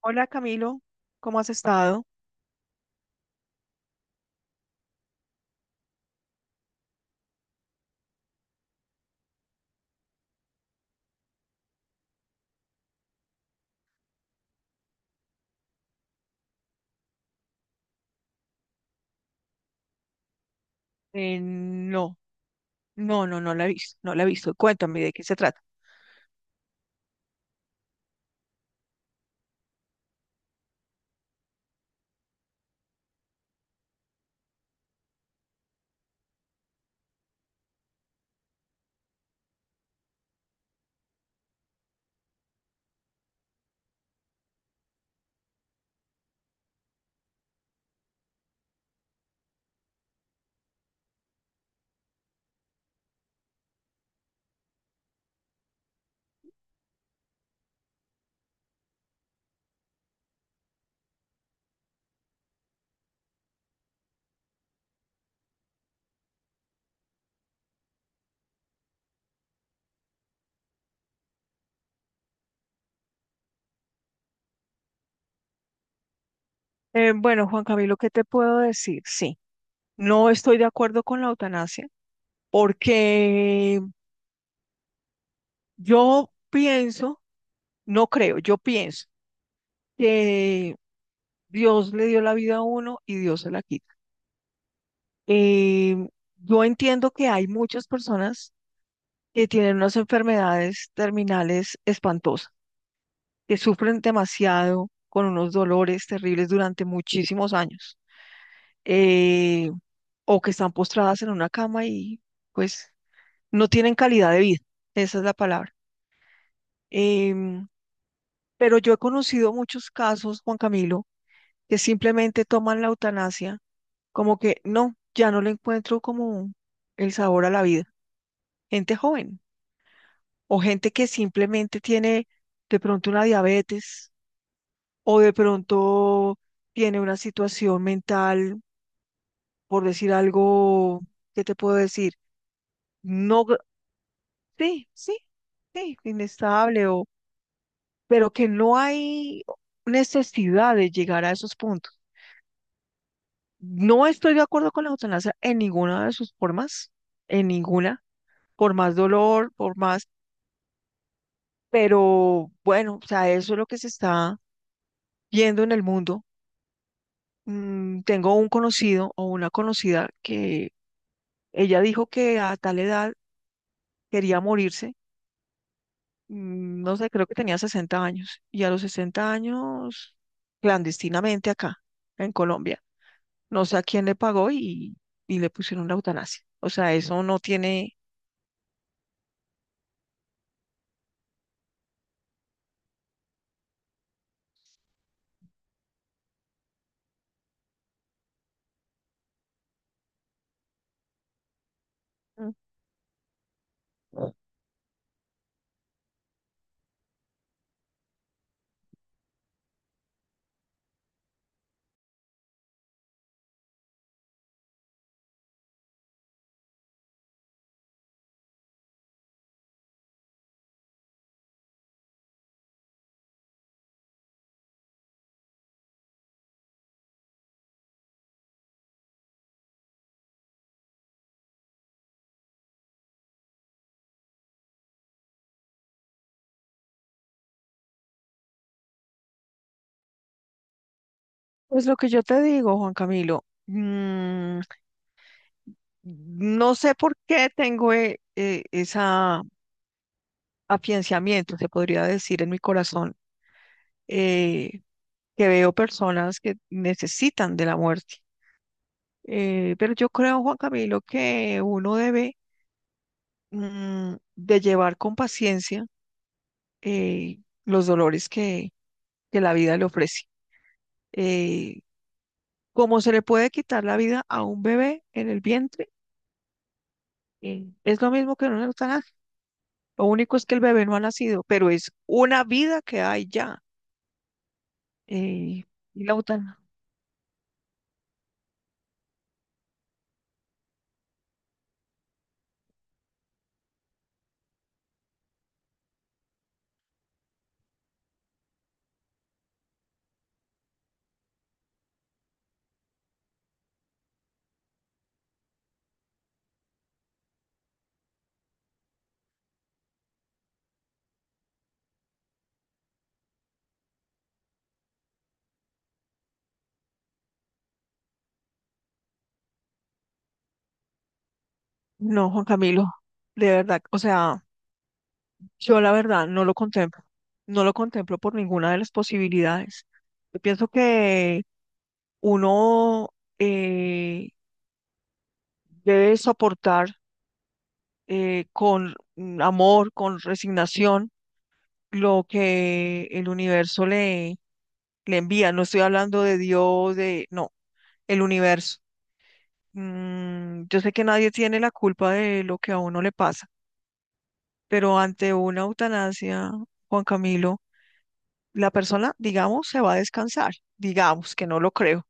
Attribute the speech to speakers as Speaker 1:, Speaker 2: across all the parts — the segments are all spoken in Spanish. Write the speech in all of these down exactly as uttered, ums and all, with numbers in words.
Speaker 1: Hola Camilo, ¿cómo has estado? Eh, no, no, no, no la he visto, no la he visto. Cuéntame de qué se trata. Eh, bueno, Juan Camilo, ¿qué te puedo decir? Sí, no estoy de acuerdo con la eutanasia porque yo pienso, no creo, yo pienso que Dios le dio la vida a uno y Dios se la quita. Eh, yo entiendo que hay muchas personas que tienen unas enfermedades terminales espantosas que sufren demasiado con unos dolores terribles durante muchísimos años, eh, o que están postradas en una cama y pues no tienen calidad de vida, esa es la palabra. Em, pero yo he conocido muchos casos, Juan Camilo, que simplemente toman la eutanasia como que no, ya no le encuentro como el sabor a la vida. Gente joven o gente que simplemente tiene de pronto una diabetes o de pronto tiene una situación mental, por decir algo, ¿qué te puedo decir? No, gra- sí, sí, sí, inestable, o, pero que no hay necesidad de llegar a esos puntos. No estoy de acuerdo con la eutanasia en ninguna de sus formas, en ninguna, por más dolor, por más, pero bueno, o sea, eso es lo que se está viendo en el mundo. Mm, tengo un conocido o una conocida que ella dijo que a tal edad quería morirse, mm, no sé, creo que tenía sesenta años y a los sesenta años, clandestinamente acá, en Colombia. No sé a quién le pagó y, y le pusieron la eutanasia. O sea, eso no tiene... Mm. Pues lo que yo te digo, Juan Camilo, mm, no sé por qué tengo eh, eh, esa afianzamiento, se podría decir, en mi corazón, eh, que veo personas que necesitan de la muerte. Eh, pero yo creo, Juan Camilo, que uno debe, mm, de llevar con paciencia eh, los dolores que, que la vida le ofrece. Eh, como se le puede quitar la vida a un bebé en el vientre, eh, es lo mismo que en un eutanasia. Lo único es que el bebé no ha nacido, pero es una vida que hay ya. Eh, y la eutanasia. No, Juan Camilo, de verdad, o sea, yo la verdad no lo contemplo. No lo contemplo por ninguna de las posibilidades. Yo pienso que uno eh, debe soportar, eh, con mm, amor, con resignación, lo que el universo le, le envía. No estoy hablando de Dios, de, no, el universo. Mm, yo sé que nadie tiene la culpa de lo que a uno le pasa, pero ante una eutanasia, Juan Camilo, la persona, digamos, se va a descansar, digamos, que no lo creo,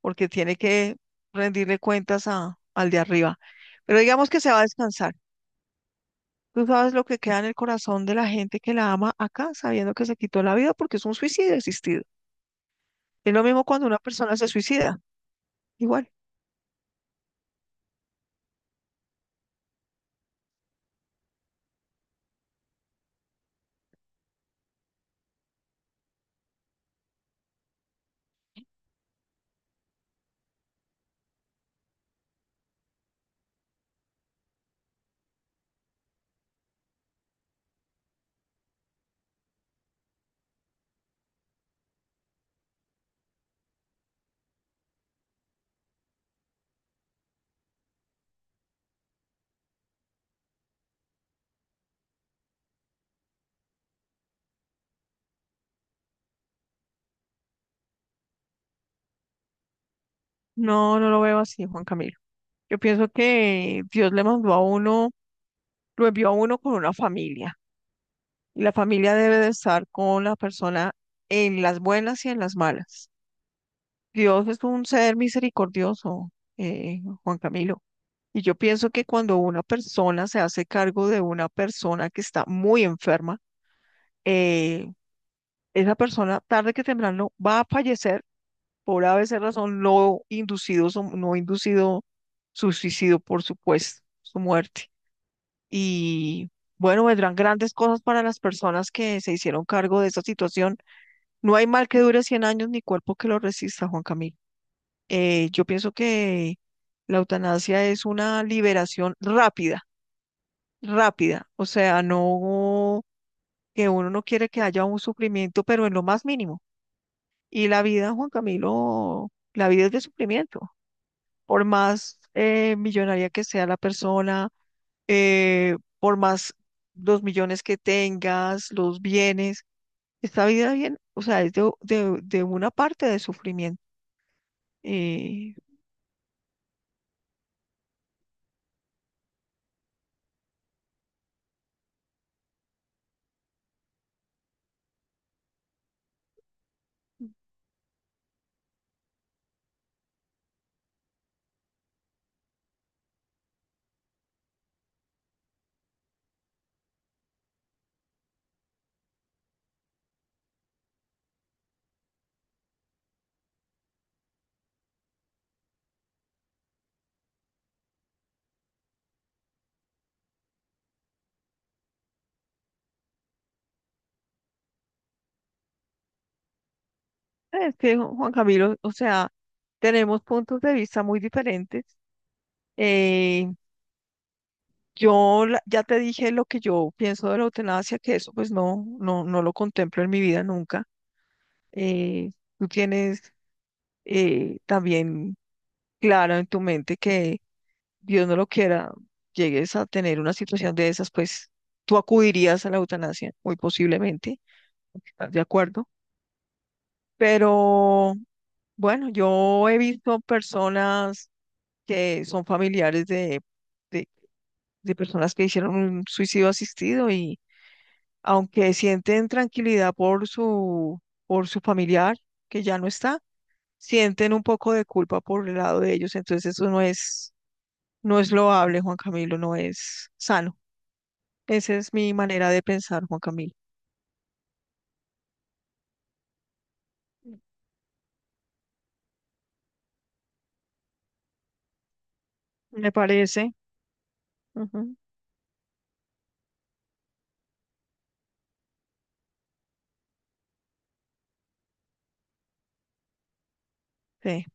Speaker 1: porque tiene que rendirle cuentas a, al de arriba, pero digamos que se va a descansar. Tú sabes lo que queda en el corazón de la gente que la ama acá, sabiendo que se quitó la vida porque es un suicidio existido. Es lo mismo cuando una persona se suicida. Igual. No, no lo veo así, Juan Camilo. Yo pienso que Dios le mandó a uno, lo envió a uno con una familia. Y la familia debe de estar con la persona en las buenas y en las malas. Dios es un ser misericordioso, eh, Juan Camilo. Y yo pienso que cuando una persona se hace cargo de una persona que está muy enferma, eh esa persona tarde que temprano va a fallecer por a ABC razón, no inducido, su- no inducido su suicidio, por supuesto, su muerte. Y bueno, vendrán grandes cosas para las personas que se hicieron cargo de esta situación. No hay mal que dure cien años ni cuerpo que lo resista, Juan Camilo. Eh, yo pienso que la eutanasia es una liberación rápida, rápida. O sea, no que uno no quiere que haya un sufrimiento, pero en lo más mínimo. Y la vida, Juan Camilo, la vida es de sufrimiento. Por más eh, millonaria que sea la persona, eh, por más los millones que tengas, los bienes, esta vida bien, o sea, es de, de- de una parte de sufrimiento. Y es que, Juan Camilo, o sea, tenemos puntos de vista muy diferentes. Eh, yo la- ya te dije lo que yo pienso de la eutanasia, que eso pues no, no, no lo contemplo en mi vida nunca. Eh, Tú tienes eh, también claro en tu mente que, Dios no lo quiera, llegues a tener una situación de esas, pues tú acudirías a la eutanasia, muy posiblemente, ¿estás de acuerdo? Pero bueno, yo he visto personas que son familiares de, de, de personas que hicieron un suicidio asistido y aunque sienten tranquilidad por su, por su familiar que ya no está, sienten un poco de culpa por el lado de ellos, entonces eso no es. No es loable, Juan Camilo, no es sano. Esa es mi manera de pensar, Juan Camilo. Me parece, ujú, sí,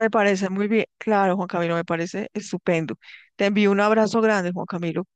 Speaker 1: me parece muy bien. Claro, Juan Camilo, me parece estupendo. Te envío un abrazo grande, Juan Camilo.